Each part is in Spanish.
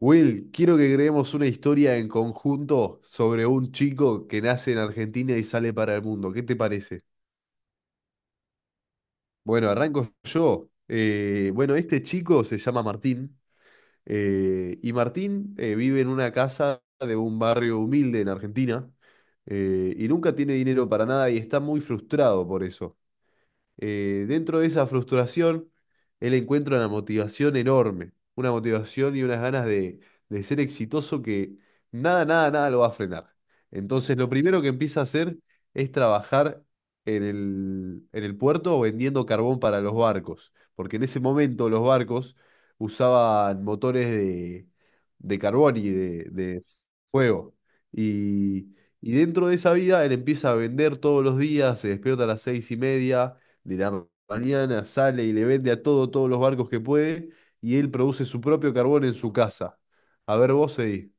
Will, quiero que creemos una historia en conjunto sobre un chico que nace en Argentina y sale para el mundo. ¿Qué te parece? Bueno, arranco yo. Bueno, este chico se llama Martín, y Martín vive en una casa de un barrio humilde en Argentina, y nunca tiene dinero para nada y está muy frustrado por eso. Dentro de esa frustración, él encuentra una motivación enorme, una motivación y unas ganas de ser exitoso que nada, nada, nada lo va a frenar. Entonces, lo primero que empieza a hacer es trabajar en el puerto vendiendo carbón para los barcos, porque en ese momento los barcos usaban motores de carbón y de fuego. Y, y dentro de esa vida, él empieza a vender todos los días, se despierta a las 6:30 de la mañana, sale y le vende a todo, todos los barcos que puede, y él produce su propio carbón en su casa. A ver, vos seguí.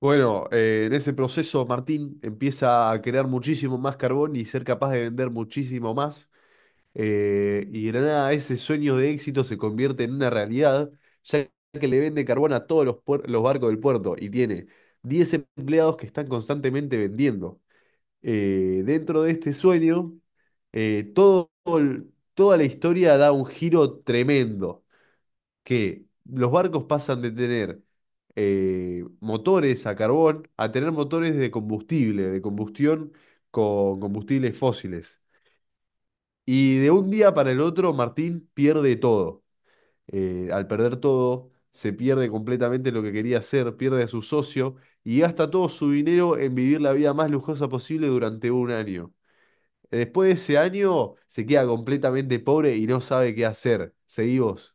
Bueno, en ese proceso Martín empieza a crear muchísimo más carbón y ser capaz de vender muchísimo más. Y de la nada ese sueño de éxito se convierte en una realidad, ya que le vende carbón a todos los, los barcos del puerto y tiene 10 empleados que están constantemente vendiendo. Dentro de este sueño, todo toda la historia da un giro tremendo, que los barcos pasan de tener motores a carbón a tener motores de combustible, de combustión con combustibles fósiles. Y de un día para el otro, Martín pierde todo. Al perder todo, se pierde completamente lo que quería hacer, pierde a su socio y gasta todo su dinero en vivir la vida más lujosa posible durante un año. Después de ese año se queda completamente pobre y no sabe qué hacer. Seguí vos.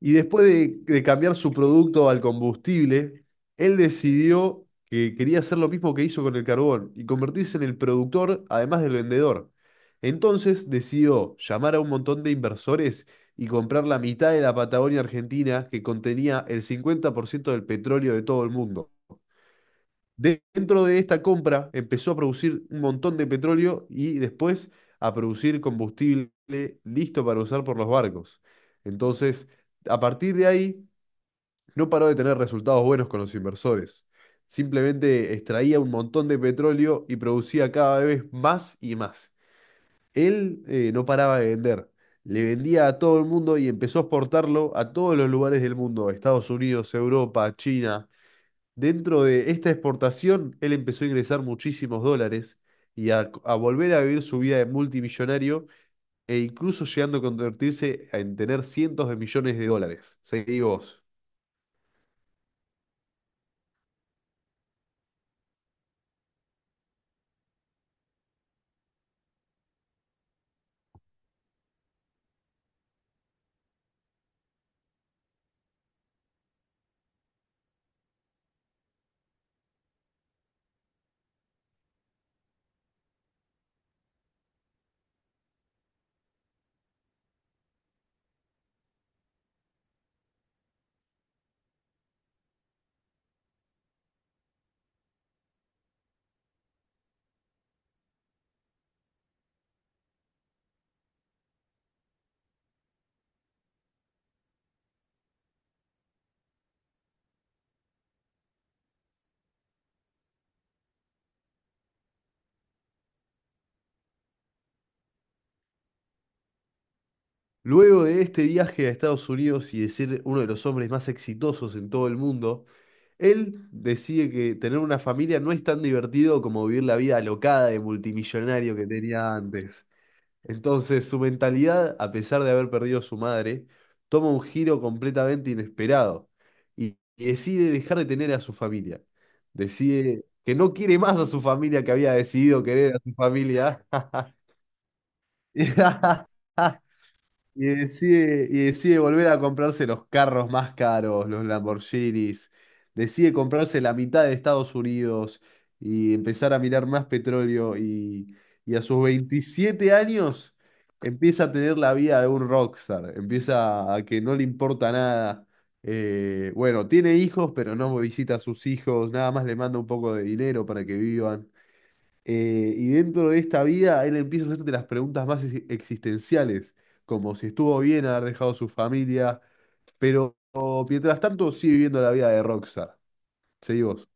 Y después de cambiar su producto al combustible, él decidió que quería hacer lo mismo que hizo con el carbón y convertirse en el productor además del vendedor. Entonces decidió llamar a un montón de inversores y comprar la mitad de la Patagonia Argentina, que contenía el 50% del petróleo de todo el mundo. Dentro de esta compra empezó a producir un montón de petróleo y después a producir combustible listo para usar por los barcos. Entonces, a partir de ahí, no paró de tener resultados buenos con los inversores. Simplemente extraía un montón de petróleo y producía cada vez más y más. Él no paraba de vender. Le vendía a todo el mundo y empezó a exportarlo a todos los lugares del mundo: Estados Unidos, Europa, China. Dentro de esta exportación, él empezó a ingresar muchísimos dólares y a volver a vivir su vida de multimillonario e incluso llegando a convertirse en tener cientos de millones de dólares. Seguí vos. Luego de este viaje a Estados Unidos y de ser uno de los hombres más exitosos en todo el mundo, él decide que tener una familia no es tan divertido como vivir la vida alocada de multimillonario que tenía antes. Entonces, su mentalidad, a pesar de haber perdido a su madre, toma un giro completamente inesperado y decide dejar de tener a su familia. Decide que no quiere más a su familia que había decidido querer a su familia. Y y decide volver a comprarse los carros más caros, los Lamborghinis. Decide comprarse la mitad de Estados Unidos y empezar a mirar más petróleo. Y a sus 27 años empieza a tener la vida de un rockstar. Empieza a que no le importa nada. Bueno, tiene hijos, pero no visita a sus hijos. Nada más le manda un poco de dinero para que vivan. Y dentro de esta vida, él empieza a hacerte las preguntas más existenciales, como si estuvo bien haber dejado su familia, pero mientras tanto sigue viviendo la vida de Rockstar. Seguimos.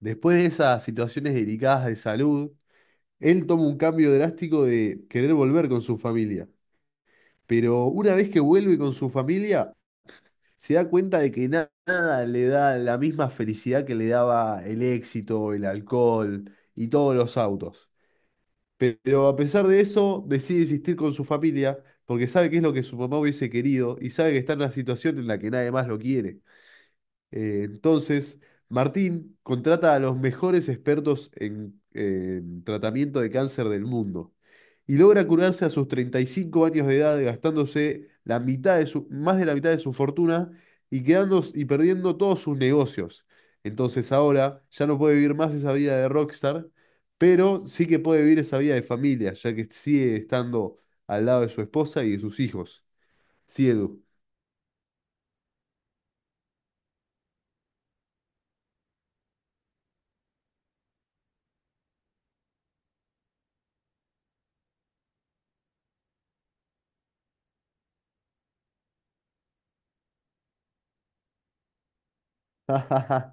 Después de esas situaciones delicadas de salud, él toma un cambio drástico de querer volver con su familia. Pero una vez que vuelve con su familia, se da cuenta de que nada le da la misma felicidad que le daba el éxito, el alcohol y todos los autos. Pero a pesar de eso, decide existir con su familia porque sabe que es lo que su mamá hubiese querido y sabe que está en una situación en la que nadie más lo quiere. Entonces, Martín contrata a los mejores expertos en tratamiento de cáncer del mundo y logra curarse a sus 35 años de edad, gastándose la mitad de su, más de la mitad de su fortuna y quedando y perdiendo todos sus negocios. Entonces ahora ya no puede vivir más esa vida de rockstar, pero sí que puede vivir esa vida de familia, ya que sigue estando al lado de su esposa y de sus hijos. Sí, Edu.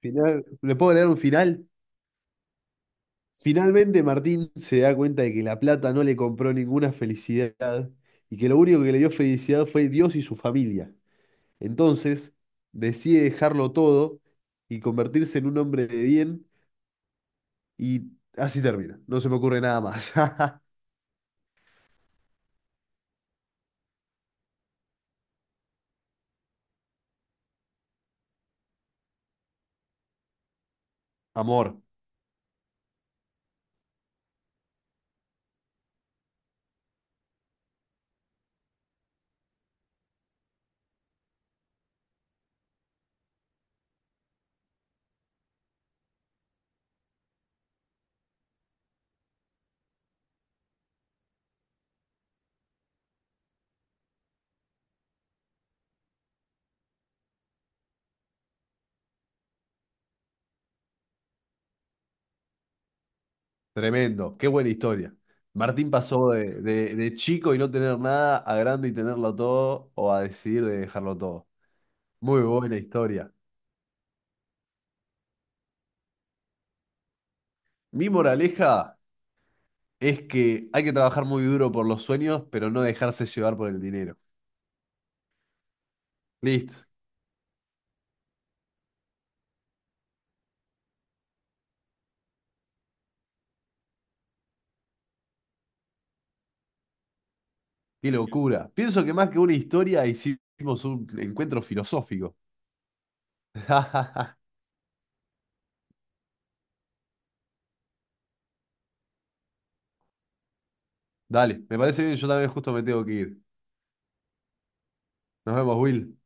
Final, ¿le puedo leer un final? Finalmente Martín se da cuenta de que la plata no le compró ninguna felicidad y que lo único que le dio felicidad fue Dios y su familia. Entonces decide dejarlo todo y convertirse en un hombre de bien, y así termina. No se me ocurre nada más. Amor, tremendo, qué buena historia. Martín pasó de chico y no tener nada a grande y tenerlo todo, o a decidir de dejarlo todo. Muy buena historia. Mi moraleja es que hay que trabajar muy duro por los sueños, pero no dejarse llevar por el dinero. Listo, qué locura. Pienso que más que una historia hicimos un encuentro filosófico. Dale, me parece bien, yo también justo me tengo que ir. Nos vemos, Will.